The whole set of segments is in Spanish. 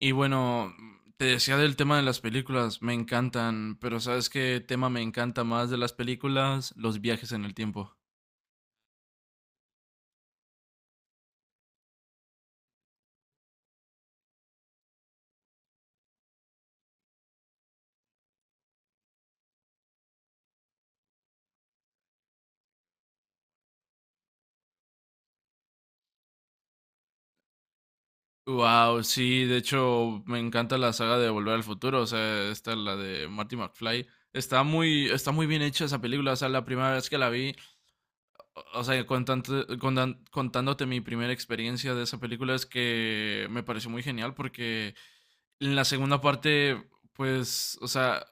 Y bueno, te decía del tema de las películas, me encantan, pero ¿sabes qué tema me encanta más de las películas? Los viajes en el tiempo. Wow, sí, de hecho me encanta la saga de Volver al Futuro, o sea, esta la de Marty McFly. Está muy bien hecha esa película, o sea, la primera vez que la vi, o sea, contándote mi primera experiencia de esa película es que me pareció muy genial porque en la segunda parte, pues, o sea,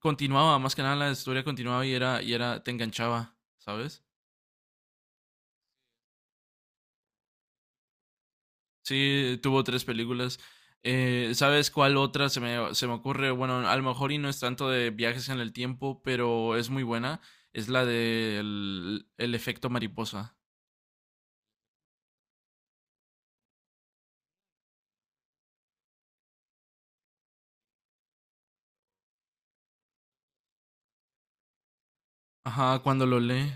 continuaba, más que nada la historia continuaba y era, te enganchaba, ¿sabes? Sí, tuvo 3 películas. ¿Sabes cuál otra se me ocurre? Bueno, a lo mejor y no es tanto de viajes en el tiempo, pero es muy buena. Es la del el efecto mariposa. Ajá, cuando lo lee.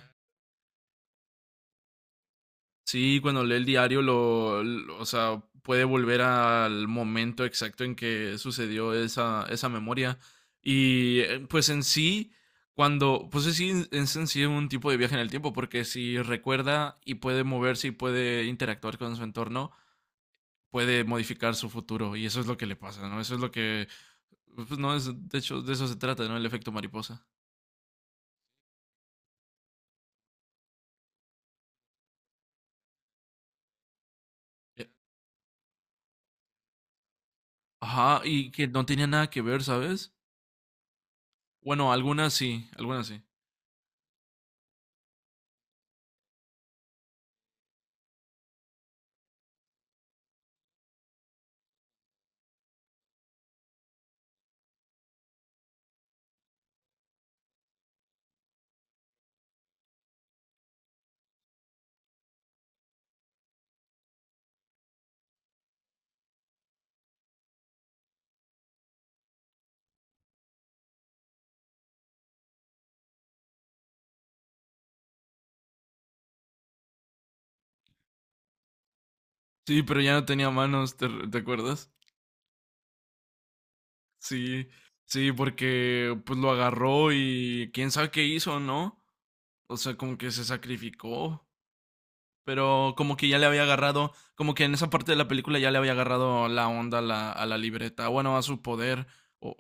Sí, cuando lee el diario, o sea, puede volver al momento exacto en que sucedió esa memoria. Y pues en sí, cuando, pues es, sí- es en sí un tipo de viaje en el tiempo, porque si recuerda y puede moverse y puede interactuar con su entorno, puede modificar su futuro. Y eso es lo que le pasa, ¿no? Eso es lo que, pues no, es, de hecho, de eso se trata, ¿no? El efecto mariposa. Eh, Ajá, y que no tenía nada que ver, ¿sabes? Bueno, algunas sí, algunas sí. Sí, pero ya no tenía manos, ¿te acuerdas? Sí, sí, porque pues lo agarró y quién sabe qué hizo, ¿no? O sea, como que se sacrificó, pero como que ya le había agarrado, como que en esa parte de la película ya le había agarrado la onda a la libreta, bueno, a su poder, o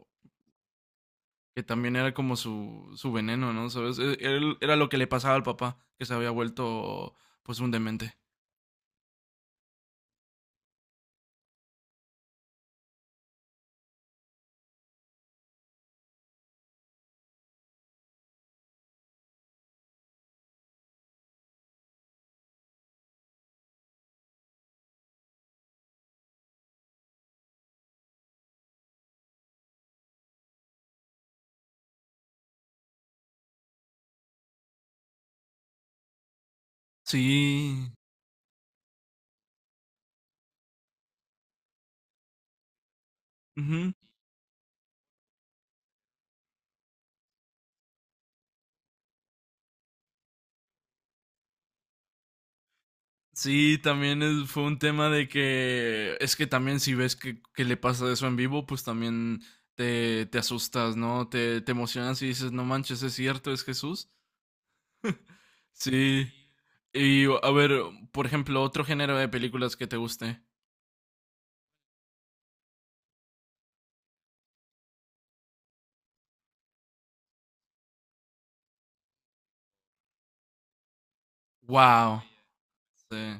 que también era como su veneno, ¿no? ¿Sabes? Era lo que le pasaba al papá, que se había vuelto pues un demente. Sí. Sí, también fue un tema de que es que también si ves que le pasa eso en vivo, pues también te asustas, ¿no? Te emocionas y dices, no manches, es cierto, es Jesús. Sí. Y a ver, por ejemplo, otro género de películas que te guste. Wow. Sí.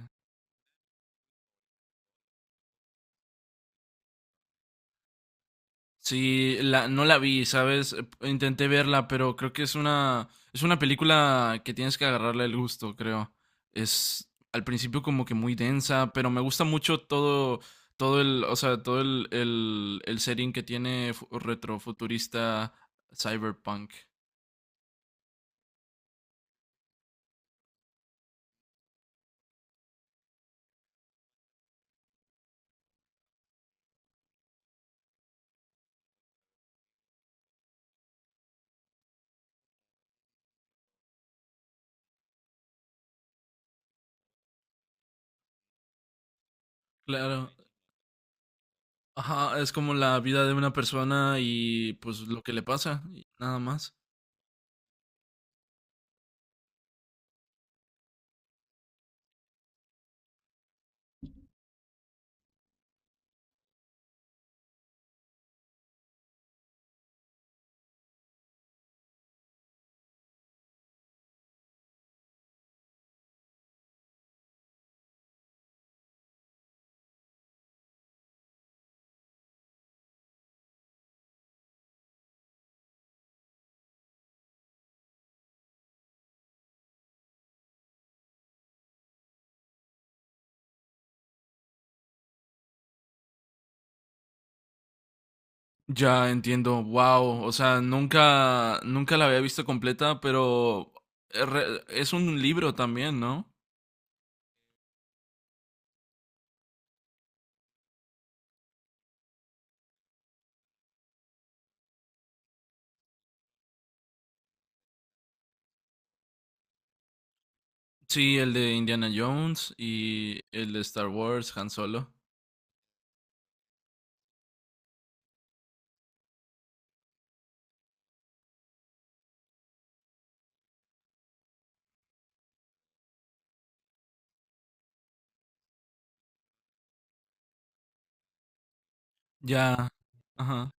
Sí, no la vi, ¿sabes? Intenté verla, pero creo que es una película que tienes que agarrarle el gusto, creo. Es al principio como que muy densa, pero me gusta mucho todo, todo el, o sea, todo el setting que tiene retrofuturista cyberpunk. Claro, ajá, es como la vida de una persona y pues lo que le pasa, y nada más. Ya entiendo, wow, o sea, nunca, nunca la había visto completa, pero es un libro también, ¿no? Sí, el de Indiana Jones y el de Star Wars, Han Solo. Ya, ajá,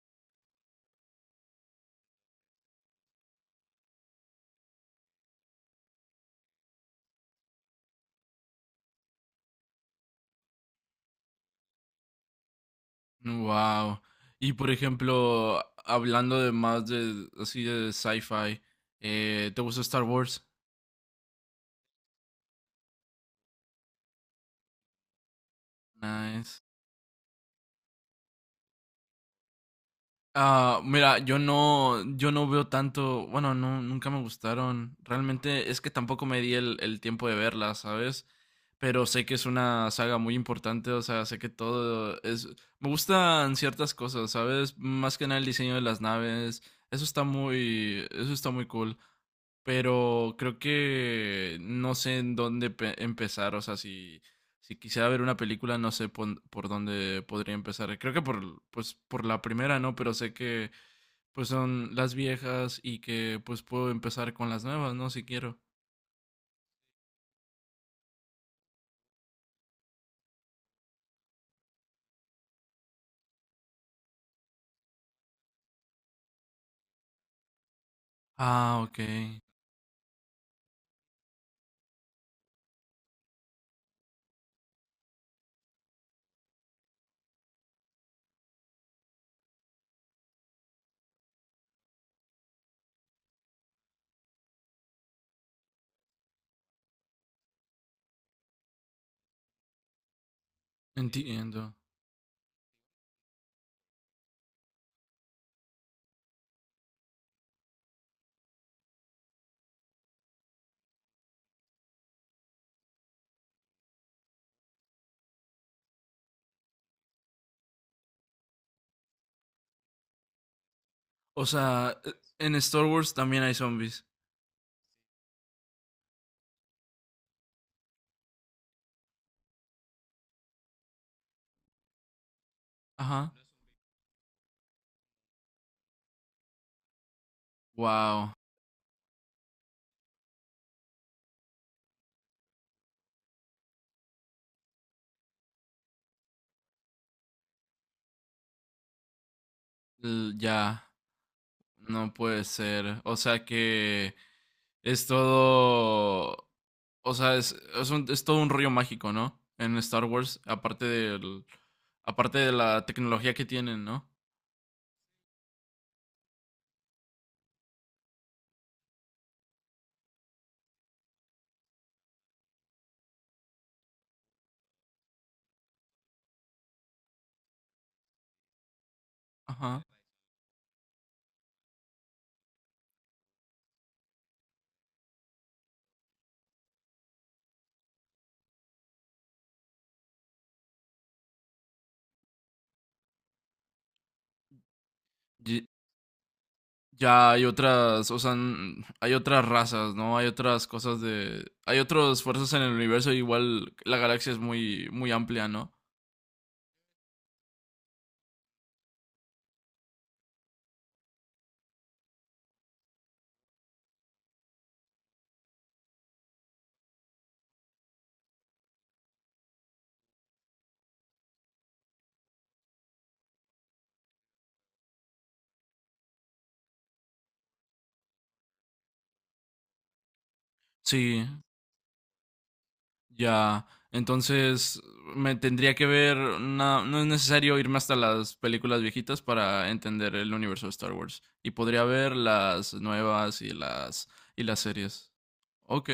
wow. Y por ejemplo, hablando de más de, así de sci-fi, ¿te gusta Star Wars? Nice. Ah, mira, yo no veo tanto, bueno, no, nunca me gustaron. Realmente es que tampoco me di el tiempo de verlas, ¿sabes? Pero sé que es una saga muy importante, o sea, sé que todo es... Me gustan ciertas cosas, ¿sabes? Más que nada el diseño de las naves. Eso está muy cool, pero creo que no sé en dónde empezar, o sea, si, si quisiera ver una película, no sé por dónde podría empezar. Creo que por, pues, por la primera, ¿no? Pero sé que pues son las viejas y que pues puedo empezar con las nuevas, ¿no? Si quiero. Ah, ok. Entiendo. O sea, en Star Wars también hay zombies. Ajá. Wow. Ya. No puede ser. O sea que es todo. O sea, es todo un rollo mágico, ¿no? En Star Wars, aparte del. Aparte de la tecnología que tienen, ¿no? Ajá. Y- ya hay otras. O sea, hay otras razas, ¿no? Hay otras cosas de. Hay otras fuerzas en el universo. Igual la galaxia es muy amplia, ¿no? Sí. Ya, entonces me tendría que ver, no es necesario irme hasta las películas viejitas para entender el universo de Star Wars y podría ver las nuevas y las series. Ok,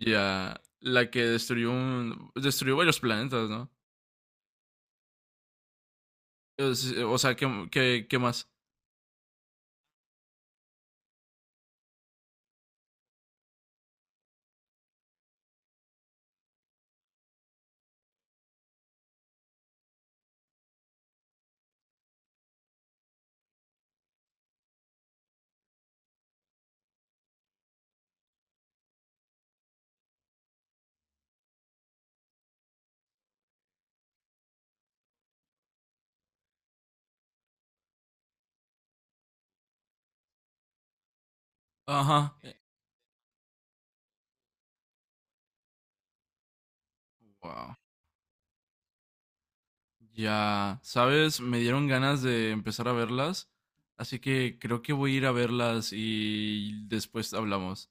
ya, la que destruyó un, destruyó varios planetas, ¿no? O sea, ¿qué más? Ajá. Wow. Ya, ¿sabes? Me dieron ganas de empezar a verlas, así que creo que voy a ir a verlas y después hablamos.